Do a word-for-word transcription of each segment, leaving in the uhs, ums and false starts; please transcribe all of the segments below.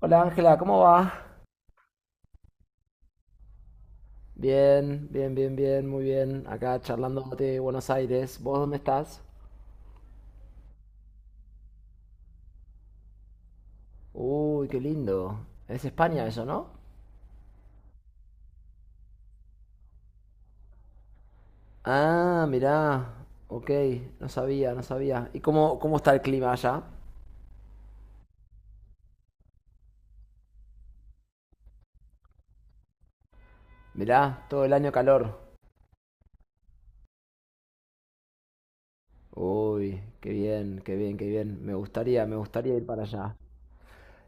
Hola Ángela, ¿cómo va? Bien, bien, bien, bien, muy bien. Acá charlando de Buenos Aires. ¿Vos dónde estás? Uy, qué lindo. Es España eso, ¿no? Ah, mirá. Ok, no sabía, no sabía. ¿Y cómo, cómo está el clima allá? Mirá, todo el año calor. Uy, qué bien, qué bien, qué bien. Me gustaría, me gustaría ir para allá.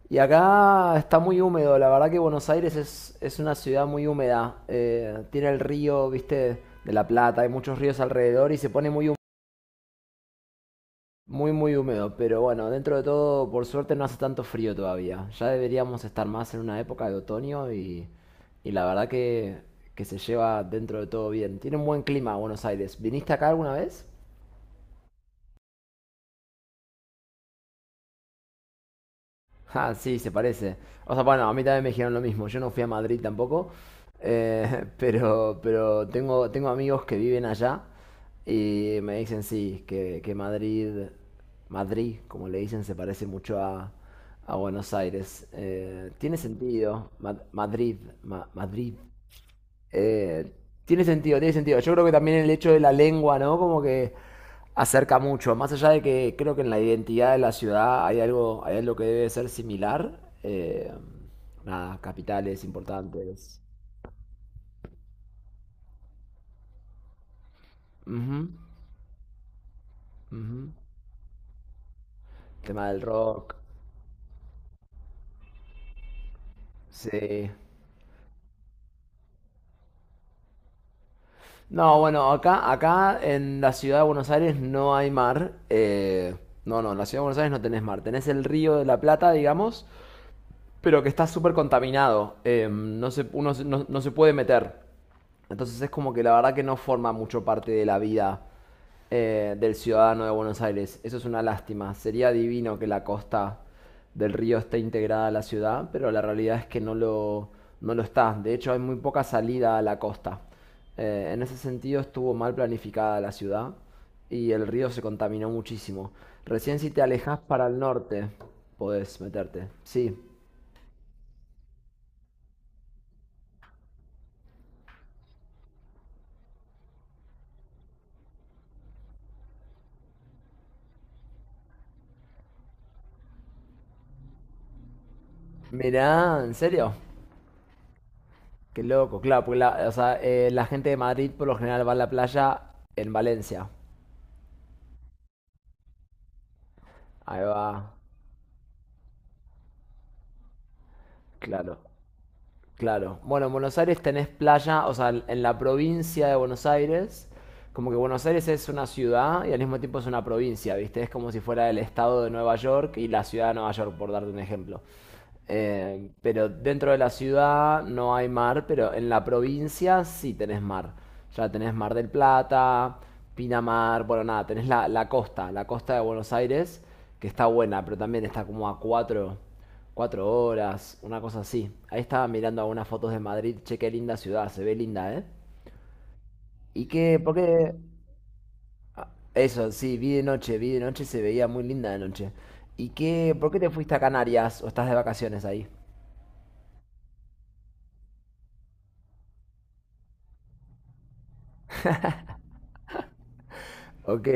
Y acá está muy húmedo, la verdad que Buenos Aires es, es una ciudad muy húmeda. Eh, tiene el río, viste, de La Plata, hay muchos ríos alrededor y se pone muy, hú- muy, muy húmedo. Pero bueno, dentro de todo, por suerte no hace tanto frío todavía. Ya deberíamos estar más en una época de otoño y, y la verdad que, que se lleva dentro de todo bien. Tiene un buen clima Buenos Aires. ¿Viniste acá alguna vez? Ah, sí, se parece. O sea, bueno, a mí también me dijeron lo mismo. Yo no fui a Madrid tampoco, eh, pero, pero tengo, tengo amigos que viven allá y me dicen sí, que, que Madrid, Madrid, como le dicen, se parece mucho a, a Buenos Aires. Eh, tiene sentido. Ma- Madrid, Ma- Madrid. Eh, tiene sentido, tiene sentido. Yo creo que también el hecho de la lengua, ¿no? Como que acerca mucho. Más allá de que creo que en la identidad de la ciudad hay algo, hay algo que debe ser similar. Eh, nada, capitales importantes. Ujú, ujú. Tema del rock. Sí. No, bueno, acá, acá en la ciudad de Buenos Aires no hay mar. eh, no, no, en la ciudad de Buenos Aires no tenés mar. Tenés el río de la Plata, digamos, pero que está súper contaminado. Eh, no se, uno se- no- no se puede meter. Entonces es como que la verdad que no forma mucho parte de la vida eh, del ciudadano de Buenos Aires. Eso es una lástima. Sería divino que la costa del río esté integrada a la ciudad, pero la realidad es que no lo, no lo está. De hecho, hay muy poca salida a la costa. Eh, en ese sentido estuvo mal planificada la ciudad y el río se contaminó muchísimo. Recién si te alejas para el norte podés meterte. Sí, mirá, ¿en serio? Qué loco, claro, porque la, o sea, eh, la gente de Madrid por lo general va a la playa en Valencia. Ahí va, claro. Claro. Bueno, en Buenos Aires tenés playa, o sea, en la provincia de Buenos Aires, como que Buenos Aires es una ciudad y al mismo tiempo es una provincia, ¿viste? Es como si fuera el estado de Nueva York y la ciudad de Nueva York, por darte un ejemplo. Eh, pero dentro de la ciudad no hay mar, pero en la provincia sí tenés mar. Ya tenés Mar del Plata, Pinamar, bueno, nada, tenés la, la costa, la costa de Buenos Aires, que está buena, pero también está como a cuatro cuatro horas, una cosa así. Ahí estaba mirando algunas fotos de Madrid. Che, qué linda ciudad, se ve linda, ¿eh? ¿Y qué? ¿Por qué? Eso, sí, vi de noche, vi de noche, se veía muy linda de noche. ¿Y qué? ¿Por qué te fuiste a Canarias o estás de vacaciones ahí? Ok.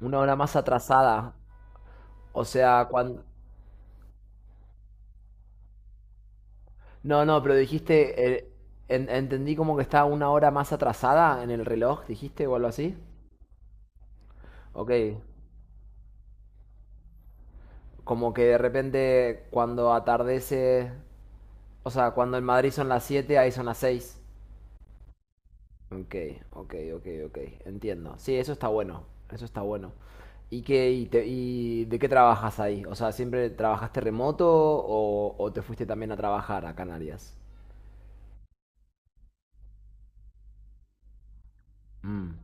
Una hora más atrasada. O sea, cuando... No, no, pero dijiste... eh, en- entendí como que estaba una hora más atrasada en el reloj, dijiste, o algo así. Ok. Como que de repente cuando atardece... O sea, cuando en Madrid son las siete ahí son las seis. Ok, ok, ok, ok. Entiendo. Sí, eso está bueno. Eso está bueno. ¿Y, qué, y, te- y de qué trabajas ahí? O sea, ¿siempre trabajaste remoto o, o te fuiste también a trabajar a Canarias? Mm,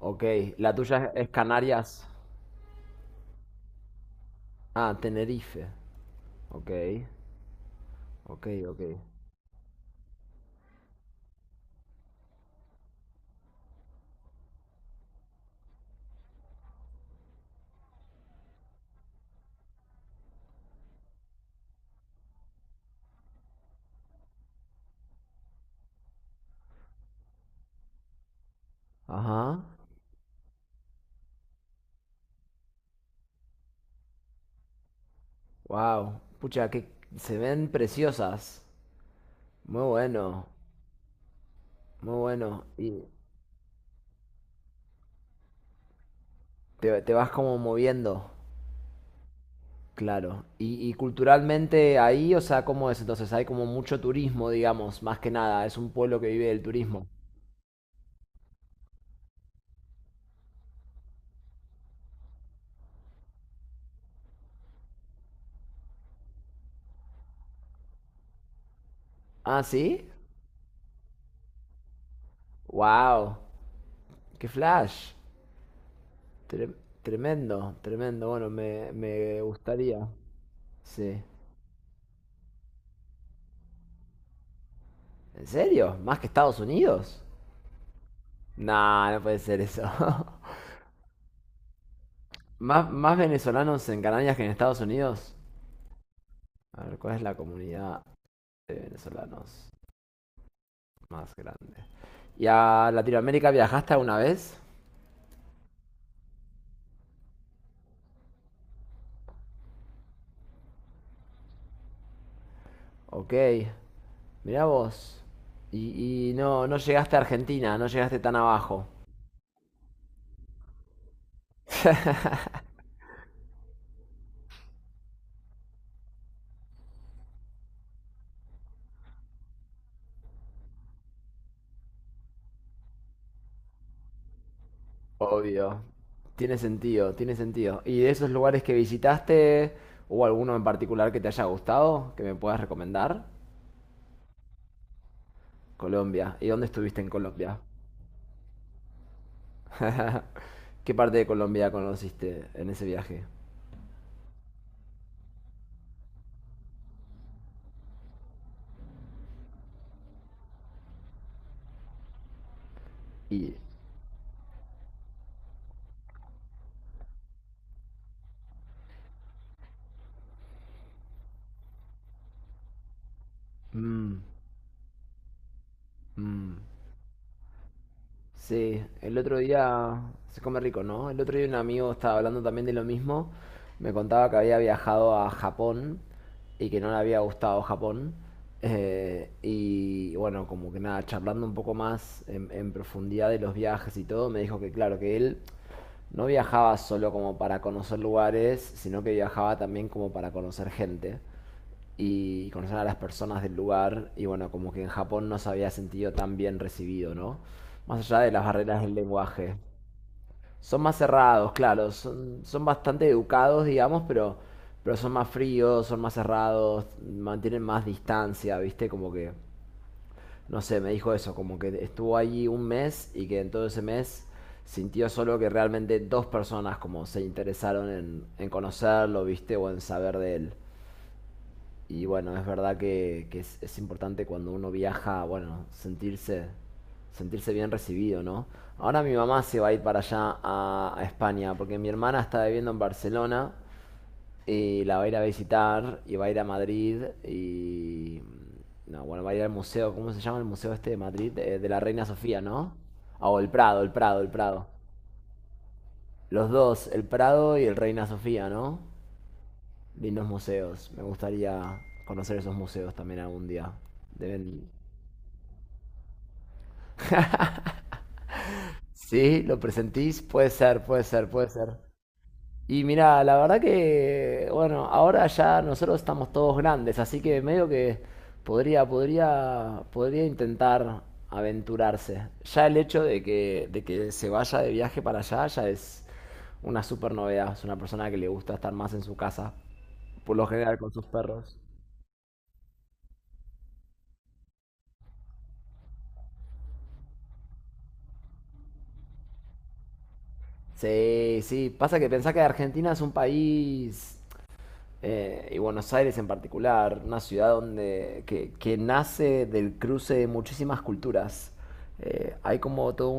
ok. ¿La tuya es es Canarias? Ah, Tenerife. Ok, ok, ok. Ajá. Wow. Pucha, que se ven preciosas. Muy bueno, muy bueno. Y te, te vas como moviendo. Claro, y, y culturalmente ahí, o sea, ¿cómo es entonces? Hay como mucho turismo, digamos, más que nada, es un pueblo que vive del turismo. Ah, ¿sí? ¡Wow! ¡Qué flash! Tre- tremendo, tremendo, bueno, me, me gustaría. Sí. ¿En serio? ¿Más que Estados Unidos? No, no puede ser eso. ¿Más, más venezolanos en Canarias que en Estados Unidos? A ver, ¿cuál es la comunidad de venezolanos más grande? ¿Y a Latinoamérica viajaste alguna vez? Ok, mirá vos. Y, y no, no llegaste a Argentina, no llegaste tan abajo. Obvio. Tiene sentido, tiene sentido. ¿Y de esos lugares que visitaste, hubo alguno en particular que te haya gustado, que me puedas recomendar? Colombia. ¿Y dónde estuviste en Colombia? ¿Qué parte de Colombia conociste en ese viaje? Y... mm, mm. Sí, el otro día se come rico, ¿no? El otro día un amigo estaba hablando también de lo mismo. Me contaba que había viajado a Japón y que no le había gustado Japón. Eh, y bueno, como que nada, charlando un poco más en, en profundidad de los viajes y todo, me dijo que claro, que él no viajaba solo como para conocer lugares, sino que viajaba también como para conocer gente y conocer a las personas del lugar. Y bueno, como que en Japón no se había sentido tan bien recibido, ¿no? Más allá de las barreras del lenguaje. Son más cerrados, claro, son, son bastante educados, digamos, pero, pero son más fríos, son más cerrados, mantienen más distancia, ¿viste? Como que, no sé, me dijo eso, como que estuvo allí un mes y que en todo ese mes sintió solo que realmente dos personas como se interesaron en, en conocerlo, ¿viste? O en saber de él. Y bueno, es verdad que, que es, es importante cuando uno viaja, bueno, sentirse, sentirse bien recibido, ¿no? Ahora mi mamá se va a ir para allá a, a España, porque mi hermana está viviendo en Barcelona y la va a ir a visitar y va a ir a Madrid y... No, bueno, va a ir al museo, ¿cómo se llama el museo este de Madrid? Eh, de la Reina Sofía, ¿no? Ah, o el Prado, el Prado, el Prado. Los dos, el Prado y el Reina Sofía, ¿no? Lindos museos. Me gustaría conocer esos museos también algún día. Deben. Sí, lo presentís. Puede ser, puede ser, puede ser. Y mira, la verdad que, bueno, ahora ya nosotros estamos todos grandes, así que medio que podría, podría, podría intentar aventurarse. Ya el hecho de que, de que se vaya de viaje para allá ya es una super novedad. Es una persona que le gusta estar más en su casa, por lo general con sus perros. Sí, sí, pasa que pensá que Argentina es un país, eh, y Buenos Aires en particular, una ciudad donde, que, que nace del cruce de muchísimas culturas. Eh, hay como toda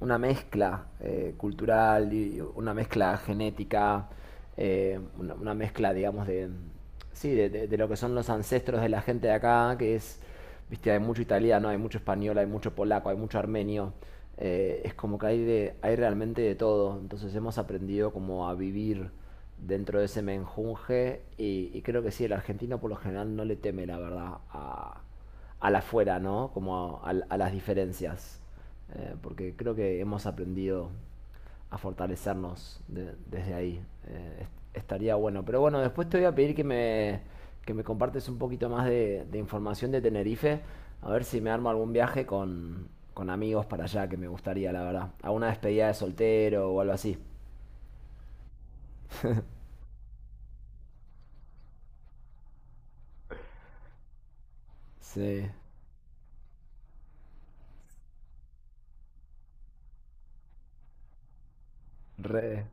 una mezcla eh, cultural, y una mezcla genética, eh, una, una mezcla, digamos, de, sí, de, de- de lo que son los ancestros de la gente de acá, que es viste, hay mucho italiano, hay mucho español, hay mucho polaco, hay mucho armenio. Eh, es como que hay, de, hay realmente de todo. Entonces hemos aprendido como a vivir dentro de ese menjunje y, y creo que sí, el argentino por lo general no le teme, la verdad, a, a la fuera, ¿no? Como a, a- a las diferencias. Eh, porque creo que hemos aprendido a fortalecernos de- desde ahí. Eh, est- estaría bueno. Pero bueno, después te voy a pedir que me, que me compartes un poquito más de, de información de Tenerife, a ver si me armo algún viaje con, con amigos para allá, que me gustaría, la verdad. A una despedida de soltero o algo así. Sí, re.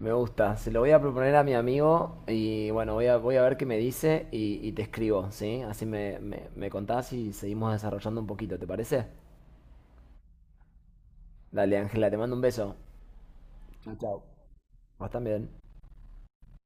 Me gusta. Se lo voy a proponer a mi amigo y bueno, voy a, voy a ver qué me dice y, y te escribo, ¿sí? Así me, me, me contás y seguimos desarrollando un poquito, ¿te parece? Dale, Ángela, te mando un beso. Chao, chao. Vos también.